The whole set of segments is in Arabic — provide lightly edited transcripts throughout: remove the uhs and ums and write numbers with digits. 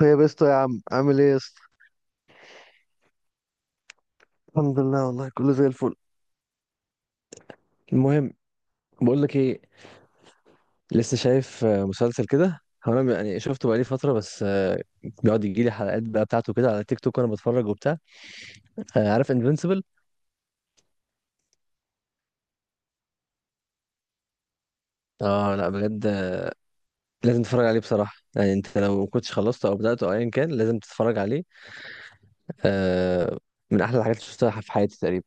طيب يا اسطى يا عم عامل ايه يا اسطى. الحمد لله، والله كله زي الفل. المهم، بقول لك ايه، لسه شايف مسلسل كده، هو انا يعني شفته بقالي فتره بس بيقعد يجي لي حلقات بقى بتاعته كده على تيك توك وانا بتفرج وبتاع. عارف انفينسيبل؟ اه لا بجد، لازم تتفرج عليه بصراحه، يعني انت لو ما كنتش خلصته او بداته او ايا كان لازم تتفرج عليه. آه، من احلى الحاجات اللي شفتها في حياتي تقريبا.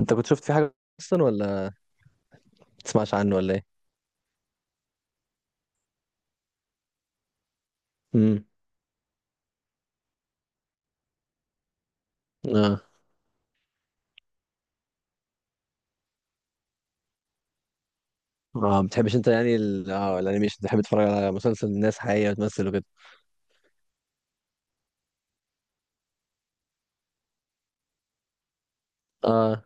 انت كنت شفت فيه حاجه اصلا، ولا ما تسمعش عنه ولا ايه؟ امم. اه ما بتحبش انت يعني اه الانيميشن، بتحب تتفرج على مسلسل الناس حقيقية وتمثل وكده. اه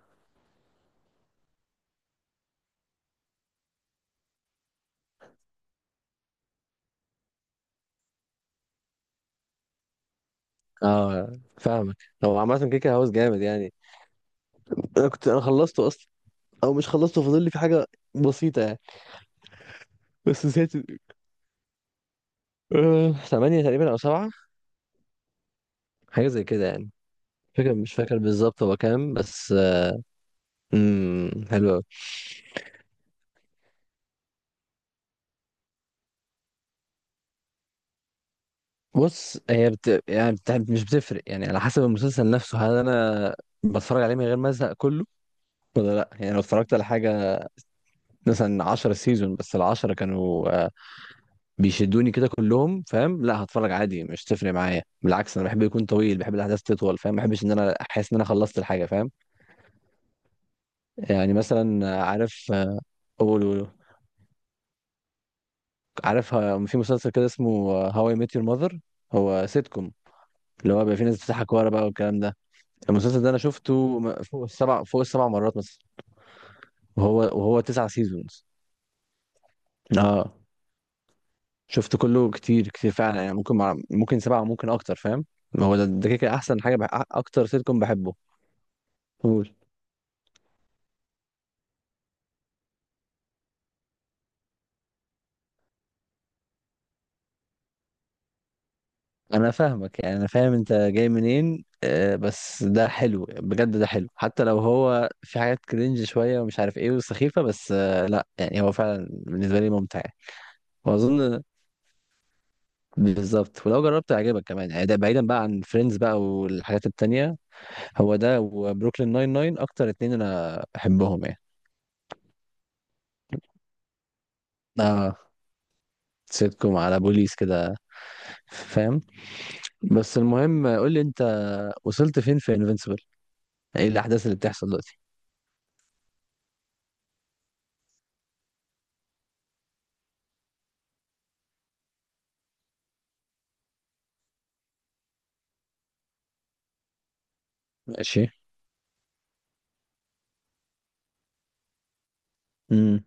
اه فاهمك. هو عامة كيكة هاوس جامد يعني، انا خلصته اصلا، او مش خلصته، فاضل لي في حاجة بسيطة يعني، بس نسيت. آه، ثمانية تقريبا او سبعة، حاجة زي كده يعني. فاكر مش فاكر بالظبط هو كام بس. حلو أوي. بص، هي بت... يعني بت... مش بتفرق، يعني على حسب المسلسل نفسه، هل انا بتفرج عليه من غير ما ازهق كله ولا لا. يعني لو اتفرجت على حاجة مثلا 10 سيزون بس العشرة كانوا بيشدوني كده كلهم، فاهم؟ لا هتفرج عادي، مش تفرق معايا، بالعكس انا بحب يكون طويل، بحب الاحداث تطول، فاهم؟ ما بحبش ان انا احس ان انا خلصت الحاجه، فاهم؟ يعني مثلا عارف قول. عارف في مسلسل كده اسمه هواي ميت يور ماذر، هو سيت كوم، اللي هو بيبقى في ناس بتضحك ورا بقى والكلام ده. المسلسل ده انا شفته فوق السبع مرات مثلا، وهو تسع سيزونز. اه شفت كله، كتير كتير فعلا يعني، ممكن سبعة، ممكن أكتر، فاهم؟ ما هو ده كده أحسن حاجة، أكتر سيتكم بحبه. قول. أنا فاهمك، يعني أنا فاهم أنت جاي منين، آه بس ده حلو بجد، ده حلو حتى لو هو في حاجات كرنج شوية ومش عارف إيه وسخيفة، بس آه لا يعني هو فعلا بالنسبة لي ممتع يعني. وأظن بالظبط ولو جربت هيعجبك كمان يعني، ده بعيدا بقى عن فريندز بقى والحاجات التانية، هو ده وبروكلين ناين ناين أكتر اتنين أنا بحبهم يعني. آه سيتكم على بوليس كده، فاهم؟ بس المهم قول لي انت، وصلت فين في انفينسيبل؟ ايه الاحداث اللي بتحصل دلوقتي؟ ماشي. امم.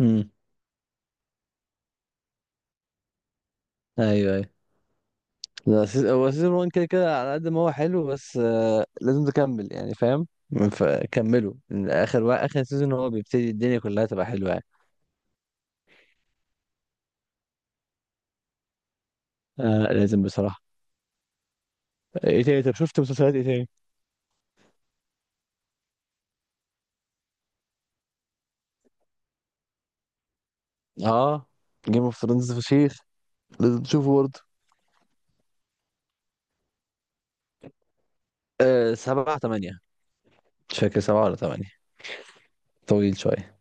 امم. ايوه ايوه. لا هو سيزون 1 كده كده، على قد ما هو حلو بس لازم تكمل يعني، فاهم؟ فكملوا، اخر سيزون هو بيبتدي الدنيا كلها تبقى حلوه يعني. آه لازم بصراحه. ايه تاني؟ طب شفت مسلسلات ايه تاني؟ اه جيم اوف ثرونز فشيخ، لازم تشوفه برضه. آه سبعة تمانية، مش فاكر سبعة ولا تمانية. طويل شوية،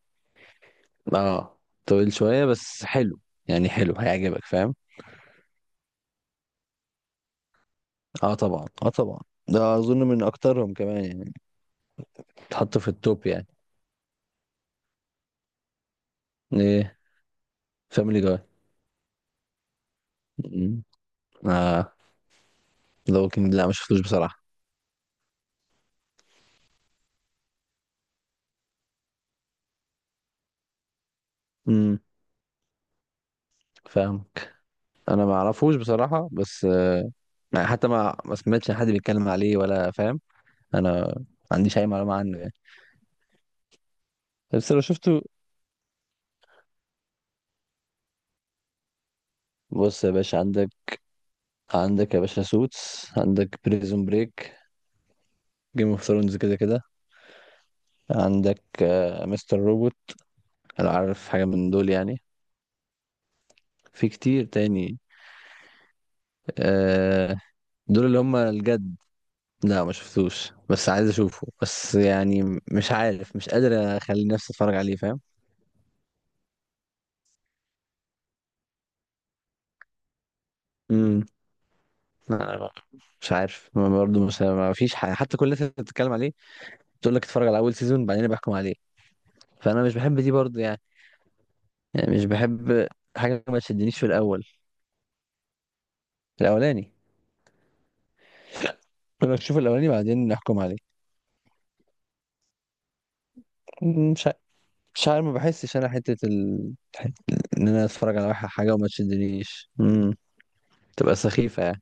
اه طويل شوية بس حلو يعني، حلو هيعجبك فاهم. اه طبعا، اه طبعا، ده اظن من اكترهم كمان يعني، تحطه في التوب يعني. ايه فاميلي جاي. مم. اه ذا ووكينج، لا ما شفتوش بصراحة. امم. فاهمك. انا ما اعرفوش بصراحة بس يعني حتى ما سمعتش حد بيتكلم عليه ولا، فاهم؟ انا ما عنديش اي معلومة عنه يعني، بس لو شفته. بص يا باشا، عندك، عندك يا باشا سوتس، عندك بريزون بريك، جيم اوف ثرونز كده كده، عندك مستر روبوت. هل عارف حاجة من دول يعني؟ في كتير تاني آه. دول اللي هم الجد. لا ما شفتوش بس عايز اشوفه، بس يعني مش عارف، مش قادر اخلي نفسي اتفرج عليه فاهم. امم. لا، مش عارف، ما برضه مش ما فيش حاجة، حتى كل الناس اللي بتتكلم عليه تقول لك اتفرج على اول سيزون بعدين أنا بحكم عليه، فانا مش بحب دي برضه يعني، يعني مش بحب حاجة ما تشدنيش في الاول الاولاني. انا اشوف الاولاني بعدين نحكم عليه. مش مش عارف، ما بحسش انا حتة ان انا اتفرج على واحد حاجه وما تشدنيش، تبقى سخيفه يعني.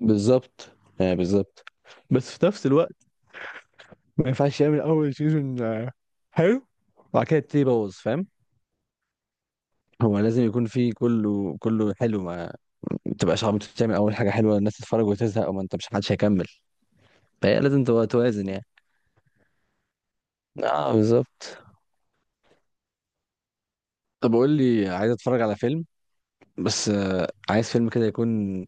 بالظبط يعني بالظبط، بس في نفس الوقت ما ينفعش يعمل اول سيزون حلو وبعد كده تبتدي يبوظ فاهم. هو لازم يكون في كله حلو، ما تبقاش عم تعمل اول حاجه حلوه الناس تتفرج وتزهق وما انت مش حدش هيكمل. فهي لازم تبقى توازن يعني، اه بالظبط. طب قول لي، عايز اتفرج على فيلم بس عايز فيلم كده يكون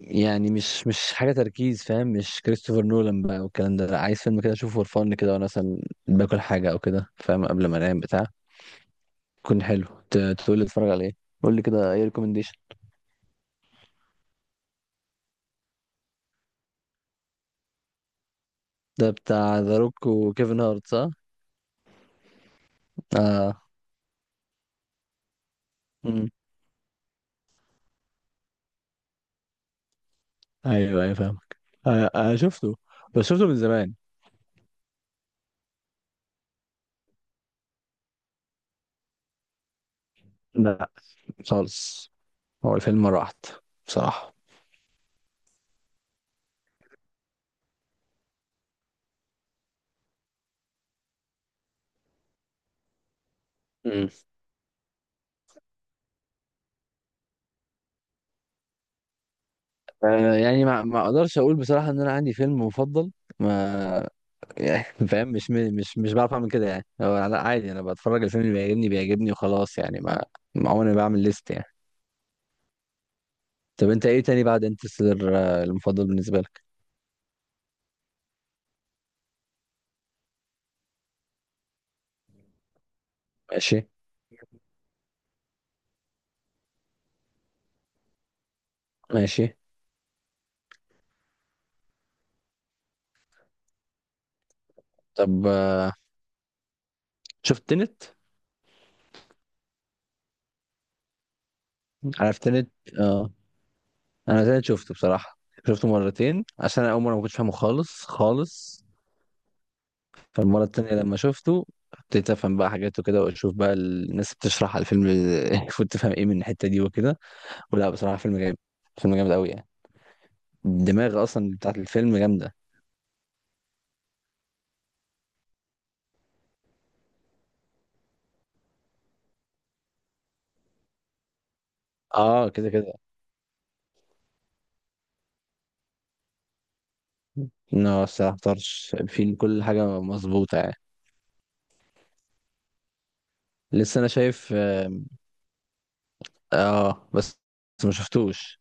يعني مش حاجه تركيز فاهم، مش كريستوفر نولان بقى والكلام ده، لا عايز فيلم كده اشوفه فور فن كده وانا مثلا باكل حاجه او كده فاهم، قبل ما انام بتاع يكون حلو. تقول لي اتفرج على ايه؟ قول لي كده اي ريكومنديشن. ده بتاع ذا روك وكيفن هارت صح؟ اه. مم. ايوه ايوه فاهمك. آه آه شفته، بس شفته من زمان. لا خالص، هو الفيلم مرة واحدة بصراحة. مم. آه يعني ما اقدرش اقول بصراحة ان انا عندي فيلم مفضل، ما يعني فاهم مش بعرف اعمل كده يعني، هو لا عادي انا بتفرج الفيلم اللي بيعجبني بيعجبني وخلاص يعني، ما ما عمري ما بعمل ليست يعني. طب انت ايه تاني بعد انترستيلر المفضل بالنسبه لك؟ ماشي. ماشي. طب شفت تنت؟ عارف تنت؟ اه انا تنت شفته بصراحه، شفته مرتين عشان انا اول مره ما كنتش فاهمه خالص خالص، فالمره التانيه لما شفته ابتديت افهم بقى حاجات وكده واشوف بقى الناس بتشرح على الفيلم المفروض تفهم ايه من الحته دي وكده، ولا بصراحه فيلم جامد، فيلم جامد قوي يعني، الدماغ اصلا بتاعت الفيلم جامده. اه كده كده. لا بس ما اختارش، في كل حاجه مظبوطه يعني. لسه انا شايف اه، بس بس ما شفتوش.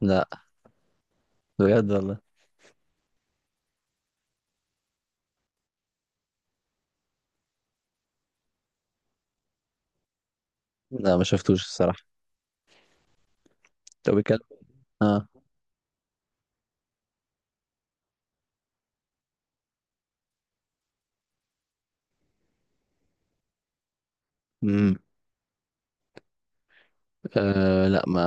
لا بجد والله، لا ما شفتوش الصراحه. طب بيتكلم اه. امم. آه لا ما،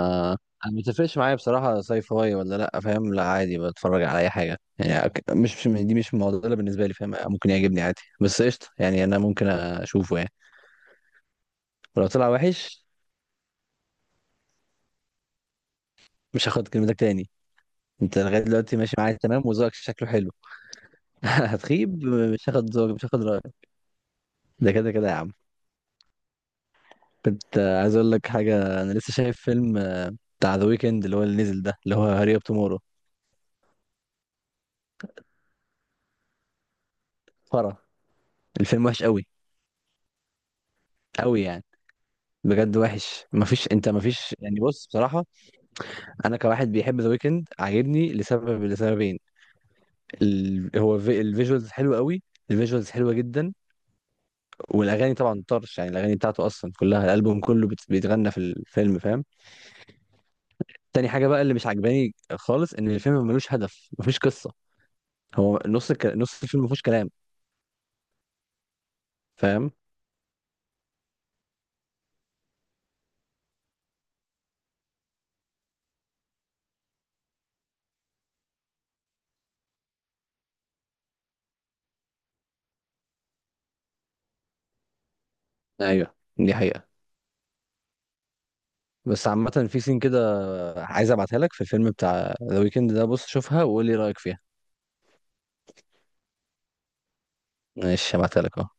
انا ما بتفرقش معايا بصراحه ساي فاي ولا لا فاهم، لا عادي بتفرج على اي حاجه يعني، دي مش معضله بالنسبه لي فاهم، ممكن يعجبني عادي، بس قشطه يعني انا ممكن اشوفه يعني. ولو طلع وحش مش هاخد كلمتك تاني. انت لغايه دلوقتي ماشي معايا تمام وذوقك شكله حلو. هتخيب، مش هاخد ذوقك، مش هاخد رايك. ده كده كده يا عم. كنت عايز اقول لك حاجه، انا لسه شايف فيلم بتاع ذا ويكند اللي هو اللي نزل ده، اللي هو هاري اب تومورو. فرا الفيلم وحش قوي، قوي يعني، بجد وحش، مفيش يعني، بص بصراحه انا كواحد بيحب ذا ويكند عاجبني لسبب، لسببين. الفيجوالز حلو قوي، الفيجوالز حلوه جدا، والاغاني طبعا طرش يعني، الاغاني بتاعته اصلا كلها الالبوم كله بيتغنى في الفيلم فاهم. تاني حاجة بقى اللي مش عجباني خالص ان الفيلم ملوش هدف، مفيش قصة، هو نص الفيلم مفيهوش كلام فاهم. ايوه دي حقيقة. بس عامة في سين كده عايز ابعتها لك في الفيلم بتاع ذا ويكند ده، بص شوفها وقول لي رأيك فيها. ماشي هبعتها لك اهو.